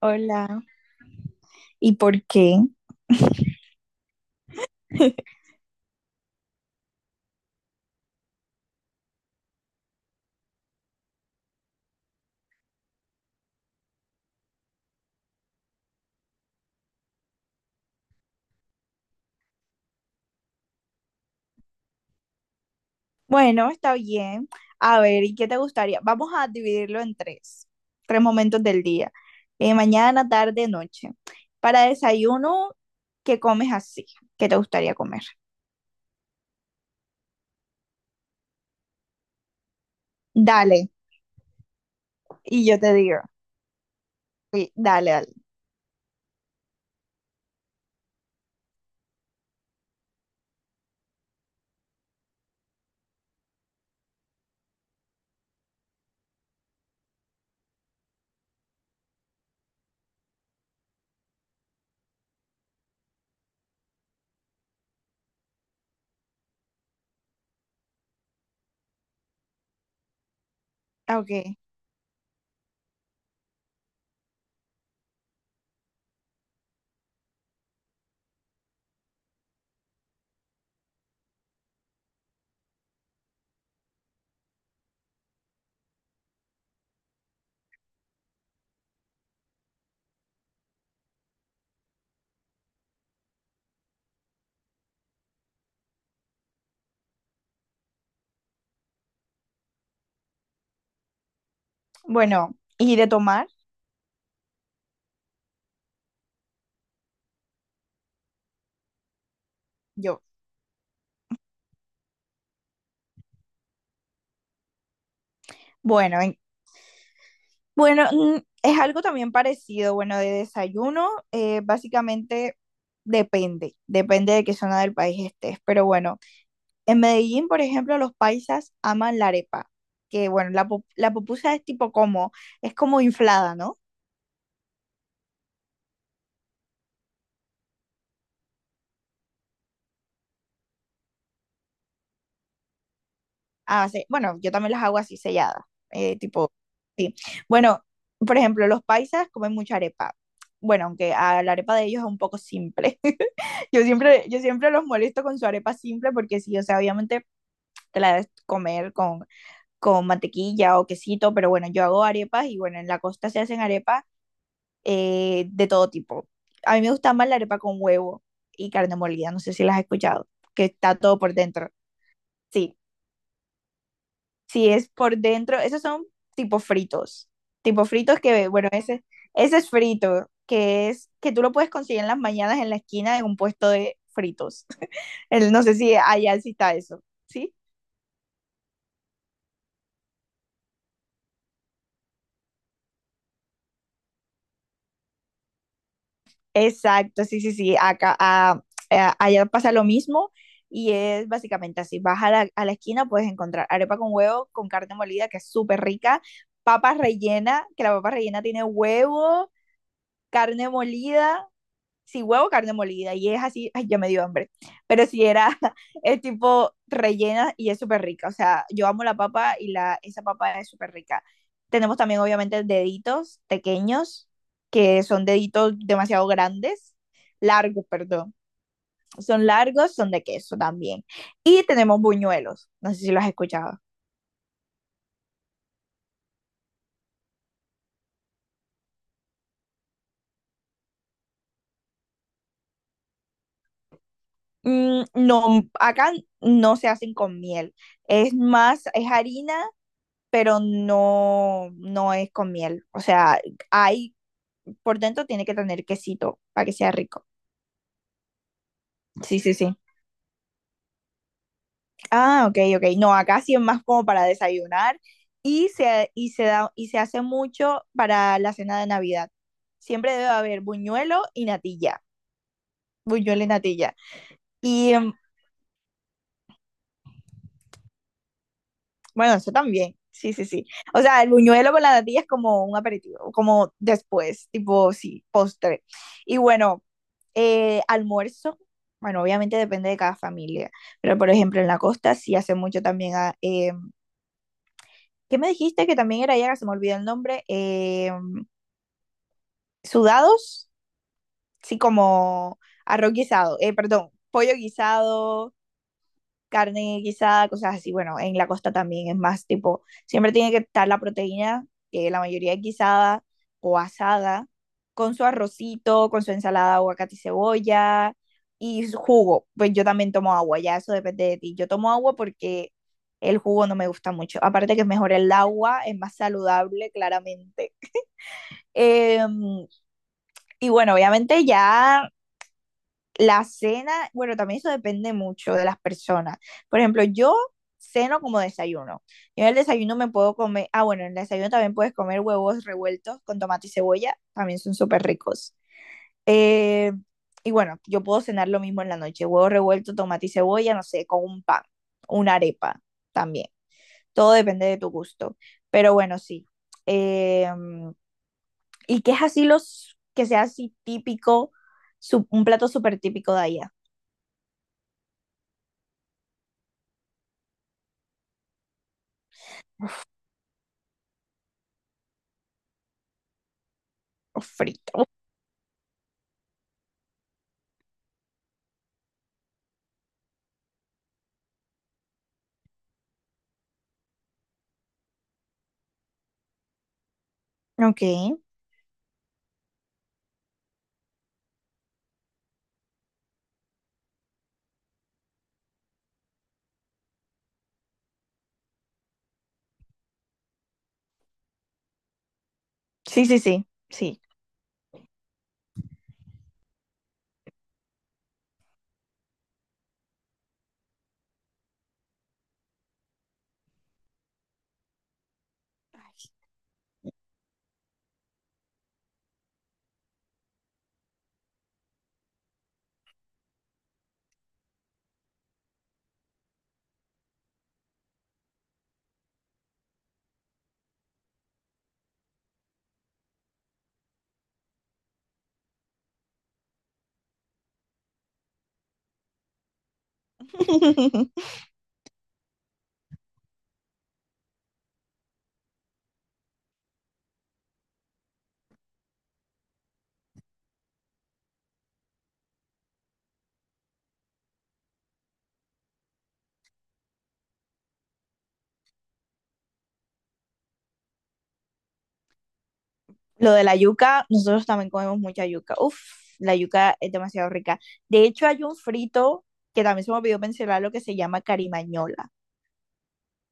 Hola. ¿Y por qué? Bueno, está bien. A ver, ¿y qué te gustaría? Vamos a dividirlo en tres, tres momentos del día. Mañana, tarde, noche. Para desayuno, ¿qué comes así? ¿Qué te gustaría comer? Dale, y yo te digo. Sí, dale, dale. Ah, ok. Bueno, ¿y de tomar? Yo. Bueno, en- bueno, es algo también parecido. Bueno, de desayuno, básicamente depende de qué zona del país estés, pero bueno. En Medellín, por ejemplo, los paisas aman la arepa, que bueno, la pupusa es es como inflada, ¿no? Bueno, yo también las hago así selladas, eh, tipo, sí. Bueno, por ejemplo, los paisas comen mucha arepa. Bueno, aunque a la arepa de ellos es un poco simple. Yo siempre los molesto con su arepa simple porque sí, o sea, obviamente te la debes con mantequilla o quesito, pero bueno, yo hago arepas y bueno, en la costa se hacen arepas de todo tipo. A mí me gusta más la arepa con huevo y carne molida, no sé si las has escuchado, que está todo por dentro. Sí, sí es por dentro, esos son tipo fritos, tipo fritos que, bueno, ese es frito, que es que tú lo puedes conseguir en las mañanas en la esquina de un puesto de fritos. El- no sé si allá sí está eso, ¿sí? Exacto, sí, sí, sí. Allá pasa lo mismo y es básicamente así. Vas a a la esquina, puedes encontrar arepa con huevo, con carne molida, que es súper rica, papa rellena, que la papa rellena tiene huevo, carne molida si huevo, carne molida, y es así, ay, ya me dio hambre, pero si era, es tipo rellena y es súper rica, o sea, yo amo la papa esa papa es súper rica. Tenemos también, obviamente, deditos pequeños, que son deditos demasiado grandes, largos, perdón, son largos, son de queso también. Y tenemos buñuelos, no sé si los has escuchado. No, acá no se hacen con miel, es más, es harina pero no, no es con miel. O sea, hay, por dentro tiene que tener quesito para que sea rico. Sí, sí, sí. Ah, ok, ok. No, acá sí es más como para desayunar y se da, y se hace mucho para la cena de Navidad. Siempre debe haber buñuelo y natilla. Buñuelo y natilla. Y em, bueno, eso también. Sí, sí, sí. O sea, el buñuelo con la natilla es como un aperitivo, como después, tipo, sí, postre. Y bueno, almuerzo, bueno, obviamente depende de cada familia, pero por ejemplo en la costa sí hace mucho también. ¿Qué me dijiste que también era ya? Se me olvidó el nombre. Sudados, sí, como arroz guisado, perdón, pollo guisado, carne guisada, cosas así. Bueno, en la costa también es más tipo, siempre tiene que estar la proteína, que la mayoría es guisada o asada, con su arrocito, con su ensalada, aguacate y cebolla y su jugo. Pues yo también tomo agua, ya eso depende de ti. Yo tomo agua porque el jugo no me gusta mucho. Aparte que es mejor el agua, es más saludable, claramente. Eh, y bueno, obviamente ya la cena, bueno, también eso depende mucho de las personas. Por ejemplo, yo ceno como desayuno. Yo en el desayuno me puedo comer. Bueno, en el desayuno también puedes comer huevos revueltos con tomate y cebolla, también son súper ricos. Eh, y bueno, yo puedo cenar lo mismo en la noche, huevos revueltos, tomate y cebolla, no sé, con un pan, una arepa también. Todo depende de tu gusto. Pero bueno, sí. Eh, ¿Y qué es así que sea así típico, un plato súper típico de allá? Frito. Ok. Sí, sí, sí, sí. Ay, lo de la yuca, nosotros también comemos mucha yuca. Uf, la yuca es demasiado rica. De hecho, hay un frito que también se me olvidó mencionar, lo que se llama carimañola.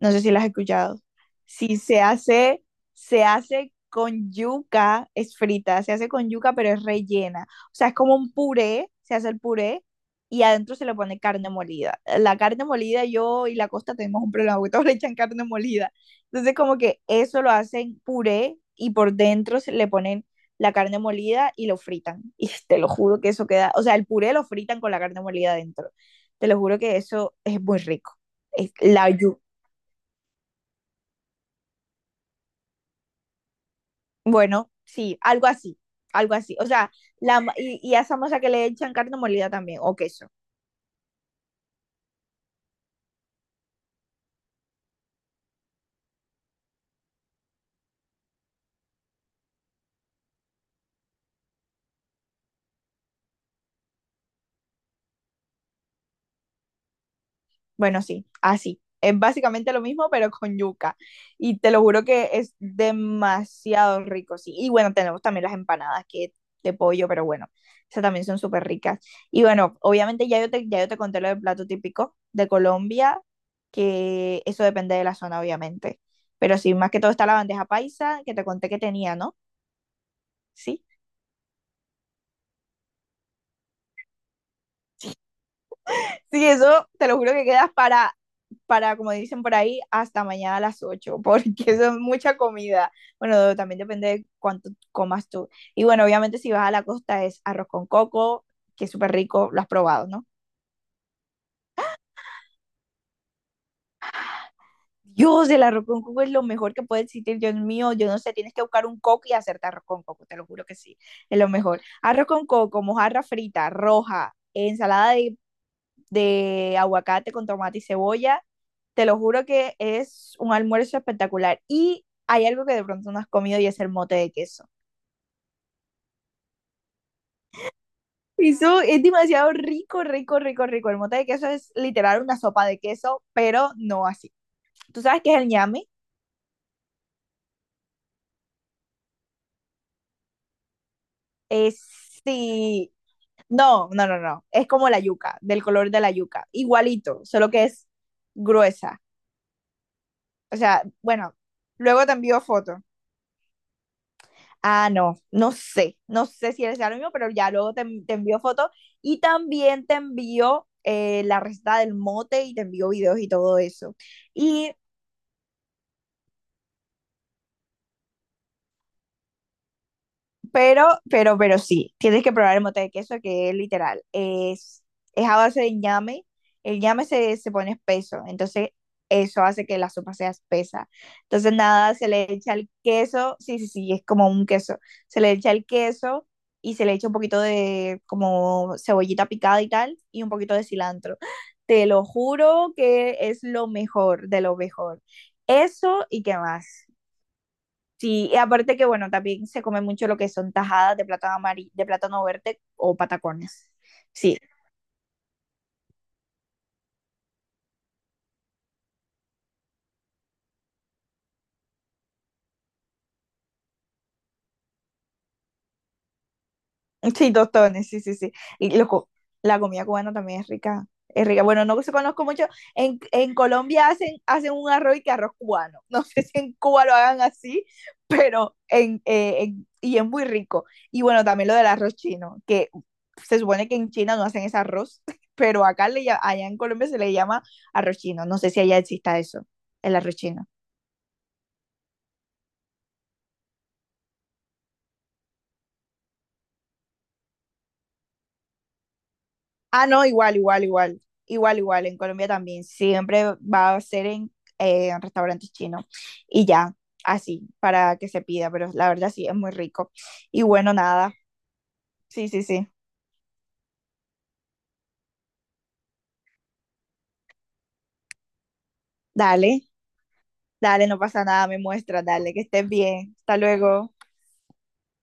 No sé si las has escuchado. Si se hace, se hace con yuca, es frita, se hace con yuca, pero es rellena. O sea, es como un puré, se hace el puré y adentro se le pone carne molida. La carne molida, yo y la Costa tenemos un problema, porque todos le echan carne molida. Entonces, como que eso lo hacen puré y por dentro se le ponen la carne molida y lo fritan. Y te lo juro que eso queda, o sea, el puré lo fritan con la carne molida adentro. Te lo juro que eso es muy rico. Es la yuca. Bueno, sí, algo así, algo así. O sea, y a esa masa que le echan carne molida también, o queso. Bueno, sí, así. Es básicamente lo mismo, pero con yuca. Y te lo juro que es demasiado rico, sí. Y bueno, tenemos también las empanadas que de pollo, pero bueno, esas también son súper ricas. Y bueno, obviamente ya yo te conté lo del plato típico de Colombia, que eso depende de la zona, obviamente. Pero sí, más que todo está la bandeja paisa, que te conté que tenía, ¿no? Sí. Sí, eso te lo juro que quedas para, como dicen por ahí, hasta mañana a las 8 porque eso es mucha comida. Bueno, también depende de cuánto comas tú. Y bueno, obviamente si vas a la costa es arroz con coco, que es súper rico, lo has probado, ¿no? Dios, el arroz con coco es lo mejor que puede existir, Dios mío, yo no sé, tienes que buscar un coco y hacerte arroz con coco, te lo juro que sí, es lo mejor. Arroz con coco, mojarra frita, roja, ensalada de aguacate con tomate y cebolla. Te lo juro que es un almuerzo espectacular. Y hay algo que de pronto no has comido y es el mote de queso. Eso es demasiado rico, rico, rico, rico. El mote de queso es literal una sopa de queso, pero no así. ¿Tú sabes qué es el ñame? Es sí. No, no, no, no. Es como la yuca, del color de la yuca. Igualito, solo que es gruesa. O sea, bueno, luego te envío foto. Ah, no, no sé, no sé si sea lo mismo, pero ya te envió fotos y también te envió la receta del mote y te envió videos y todo eso. Y pero, pero sí, tienes que probar el mote de queso que es literal. Es a base de ñame. Se pone espeso, entonces eso hace que la sopa sea espesa. Entonces nada, se le echa el queso, sí, sí, sí, es como un queso. Se le echa el queso y se le echa un poquito de como cebollita picada y tal, y un poquito de cilantro. Te lo juro que es lo mejor, de lo mejor. Eso y qué más. Sí, y aparte que bueno, también se come mucho lo que son tajadas de plátano amarillo, de plátano verde o patacones. Sí, sí, tostones, sí, sí, sí. Y loco, la comida cubana también es rica. Es rica. Bueno, no se conozco mucho. En Colombia hacen un arroz y que arroz cubano. No sé si en Cuba lo hagan así, pero en, y es muy rico. Y bueno, también lo del arroz chino, que se supone que en China no hacen ese arroz, pero allá en Colombia se le llama arroz chino. No sé si allá exista eso, el arroz chino. Ah, no, igual, igual, igual. Igual, igual, en Colombia también. Siempre va a ser en restaurantes chinos. Y ya, así, para que se pida, pero la verdad sí, es muy rico. Y bueno, nada. Sí, sí, sí. Dale, dale, no pasa nada, me muestra, dale, que estés bien. Hasta luego.